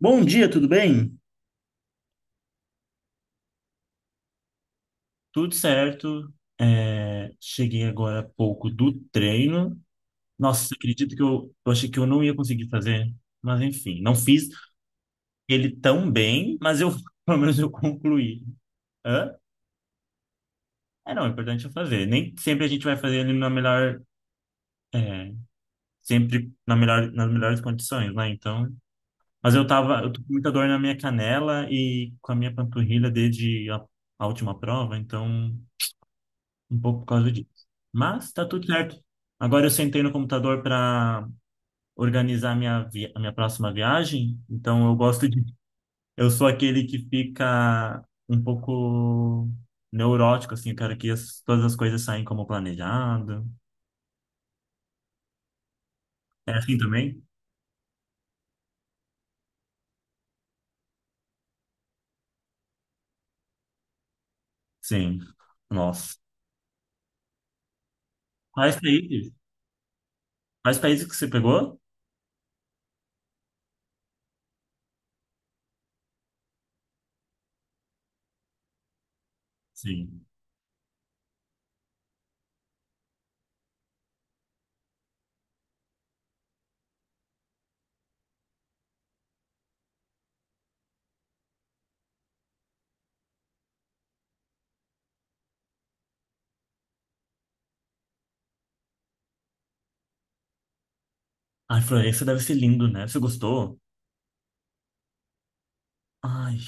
Bom dia, tudo bem? Tudo certo. Cheguei agora há pouco do treino. Nossa, você acredita que eu achei que eu não ia conseguir fazer? Mas enfim, não fiz ele tão bem, mas eu pelo menos eu concluí. Hã? É, não, o importante é fazer. Nem sempre a gente vai fazer ele na melhor, é, sempre na melhor, nas melhores condições, né? Então, mas eu tô com muita dor na minha canela e com a minha panturrilha desde a última prova, então um pouco por causa disso. Mas tá tudo certo. Agora eu sentei no computador para organizar a minha próxima viagem, então eu gosto de eu sou aquele que fica um pouco neurótico assim, eu quero que todas as coisas saem como planejado. É assim também? Sim. Nossa. Quais países? Quais países que você pegou? Sim. Ai, Florença deve ser lindo, né? Você gostou? Ai.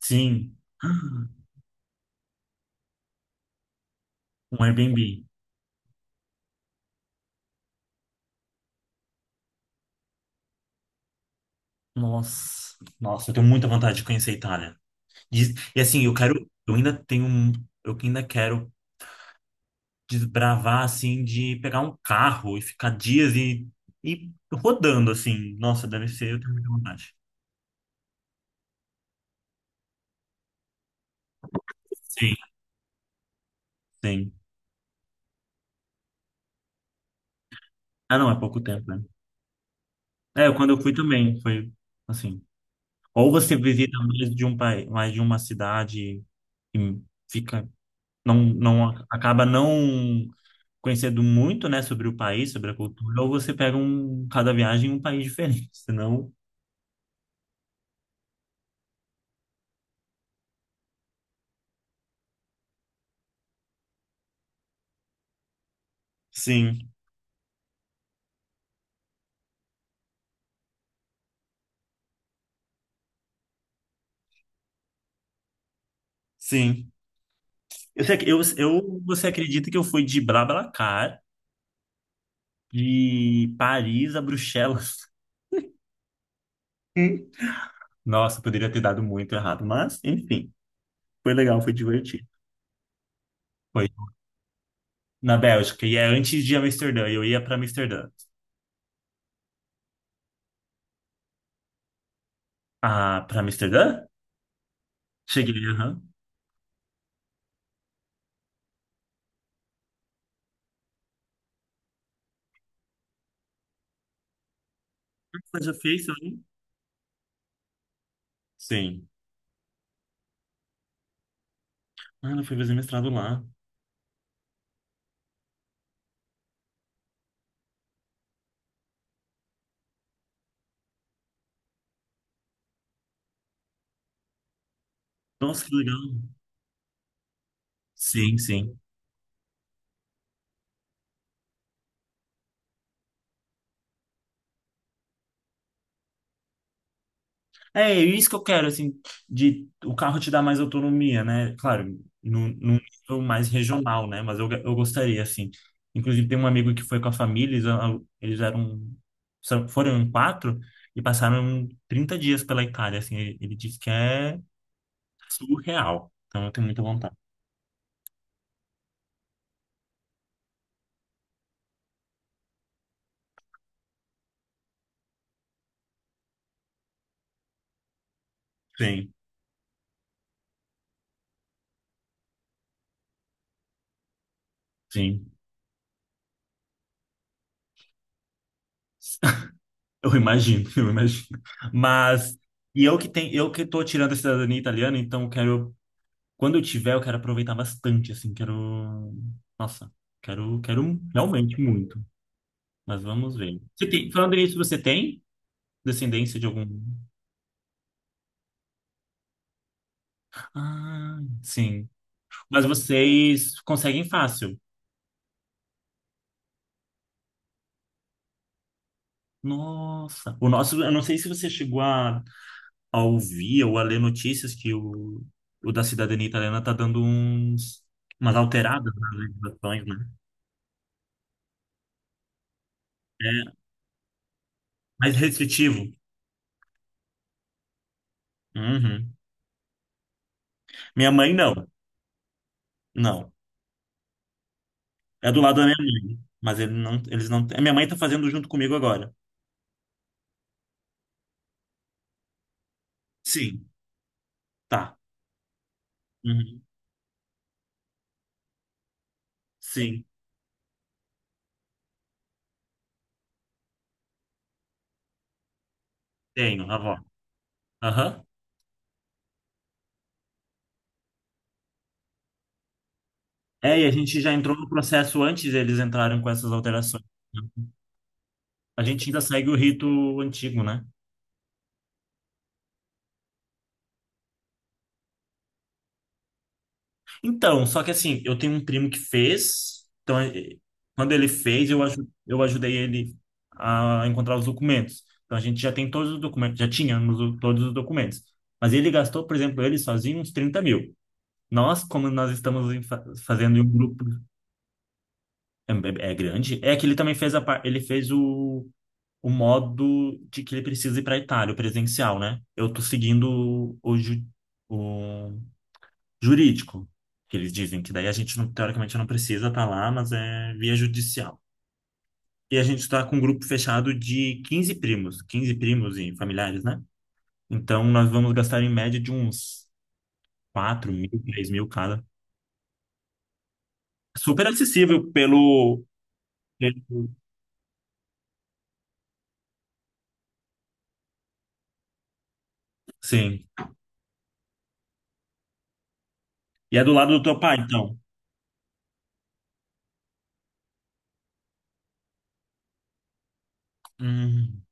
Sim. Ah, um Airbnb. Nossa, nossa, eu tenho muita vontade de conhecer a Itália. E assim, eu quero, eu ainda quero desbravar assim, de pegar um carro e ficar dias e rodando assim. Nossa, deve ser, eu tenho muita vontade. Sim, sim. Ah, não, é pouco tempo, né? É, quando eu fui também, foi assim. Ou você visita mais de um país, mais de uma cidade e fica, não acaba não conhecendo muito, né, sobre o país, sobre a cultura, ou você pega um, cada viagem um país diferente, senão... Sim, sim. Eu, sei que- eu, você acredita que eu fui de BlaBlaCar, de Paris a Bruxelas? Hum. Nossa, poderia ter dado muito errado, mas enfim, foi legal, foi divertido. Foi na Bélgica, e é antes de Amsterdã, eu ia para Amsterdã. Ah, para Amsterdã? Cheguei, aham. Você já fez também? Sim. Ah, ela foi fazer mestrado lá. Nossa, que legal. Sim, sim. É, é isso que eu quero, assim, de o carro te dar mais autonomia, né? Claro, num nível mais regional, né? Mas eu gostaria, assim. Inclusive, tem um amigo que foi com a família, eles, alu- eles eram, são- foram em quatro e passaram 30 dias pela Itália, assim. Ele disse que é surreal. Então, eu tenho muita vontade. Sim, sim. Eu imagino, eu imagino. Mas, e eu que tenho, eu que tô tirando a cidadania italiana, então eu quero, quando eu tiver, eu quero aproveitar bastante, assim, quero... Nossa, quero, quero realmente muito, mas vamos ver. Você tem, falando nisso, você tem descendência de algum... Ah, sim. Mas vocês conseguem fácil. Nossa. O nosso, eu não sei se você chegou a ouvir ou a ler notícias que o da cidadania italiana tá dando umas alteradas nas legislações, né? É mais restritivo. Uhum. Minha mãe, não. Não. É do lado da minha mãe. Mas eles não. A minha mãe tá fazendo junto comigo agora. Sim. Tá. Uhum. Sim, tenho, avó. Aham. É, e a gente já entrou no processo antes deles entrarem com essas alterações, né? A gente ainda segue o rito antigo, né? Então, só que assim, eu tenho um primo que fez, então quando ele fez, eu ajudei ele a encontrar os documentos. Então a gente já tem todos os documentos, todos os documentos. Mas ele gastou, por exemplo, ele sozinho uns 30 mil. Nós, como nós estamos fazendo em um grupo é grande, é que ele também fez ele fez o modo de que ele precisa ir para a Itália, o presencial, né? Eu tô seguindo o jurídico, que eles dizem que daí a gente não, teoricamente não precisa estar lá, mas é via judicial. E a gente está com um grupo fechado de 15 primos, 15 primos e familiares, né? Então nós vamos gastar em média de uns 4 mil, 3 mil cada. Super acessível pelo pelo- sim. E é do lado do teu pai, então. Hum.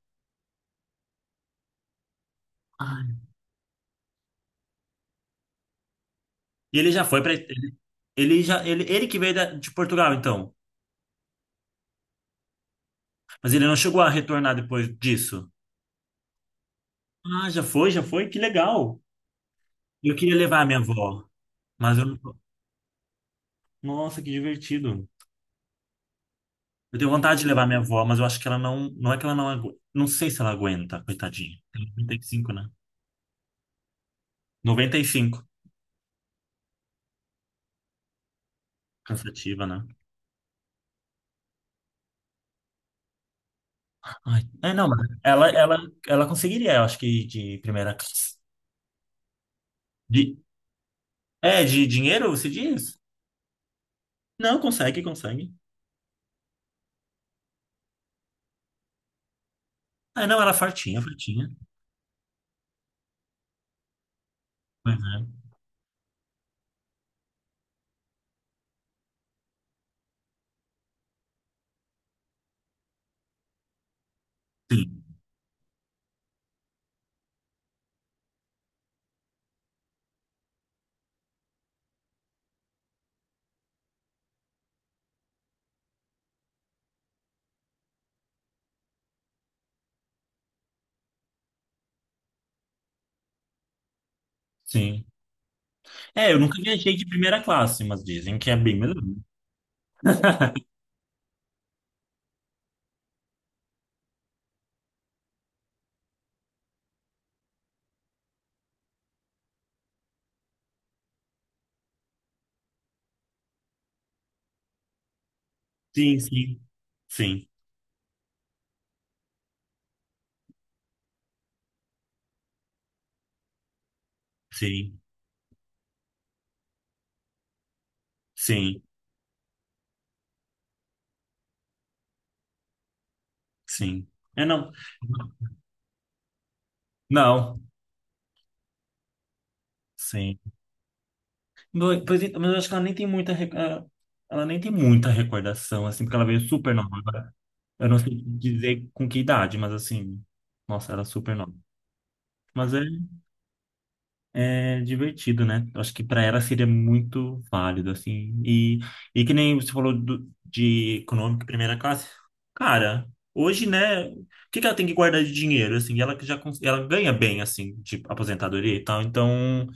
Ai, e ele já foi para ele, ele que veio de Portugal, então. Mas ele não chegou a retornar depois disso. Ah, já foi, que legal. Eu queria levar a minha avó, mas eu não... Nossa, que divertido. Eu tenho vontade de levar a minha avó, mas eu acho que ela não, não é que ela não aguenta, não sei se ela aguenta, coitadinha. Tem 95, né? Noventa e cinco. Cansativa, né? Ai, é, não, mas ela conseguiria, eu acho que de primeira classe. De, é, de dinheiro, você diz? Não, consegue, consegue. Ah, não, era fartinha, fartinha. Mas é. Sim, sim. É, eu nunca viajei de primeira classe, mas dizem que é bem melhor. Sim, sim. Sim, sim, sim, sim. É, não. Não, sim. Pois, então, mas eu acho que ela nem tem muita... ah, ela nem tem muita recordação, assim, porque ela veio super nova. Eu não sei dizer com que idade, mas assim... Nossa, era super nova. Mas é. É divertido, né? Eu acho que para ela seria muito válido, assim. E que nem você falou de econômico e primeira classe. Cara, hoje, né? O que que ela tem que guardar de dinheiro, assim? Ela que ela ganha bem, assim, de aposentadoria e tal. Então,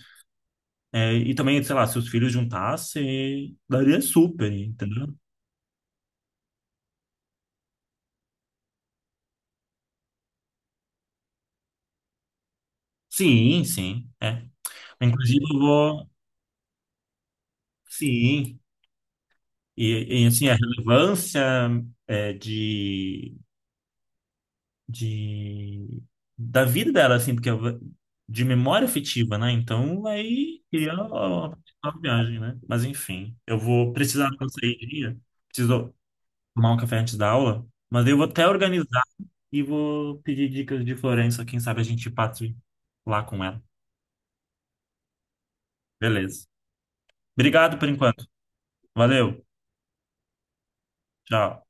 é, e também, sei lá, se os filhos juntassem, daria super, entendeu? Sim, sim, é. Inclusive, eu vou... Sim. E, assim, a relevância é, de da vida dela, assim, de memória afetiva, né? Então vai criar uma viagem, né? Mas enfim, eu vou precisar de uma saída, preciso tomar um café antes da aula, mas eu vou até organizar e vou pedir dicas de Florença, quem sabe a gente passa lá com ela. Beleza. Obrigado por enquanto. Valeu. Tchau.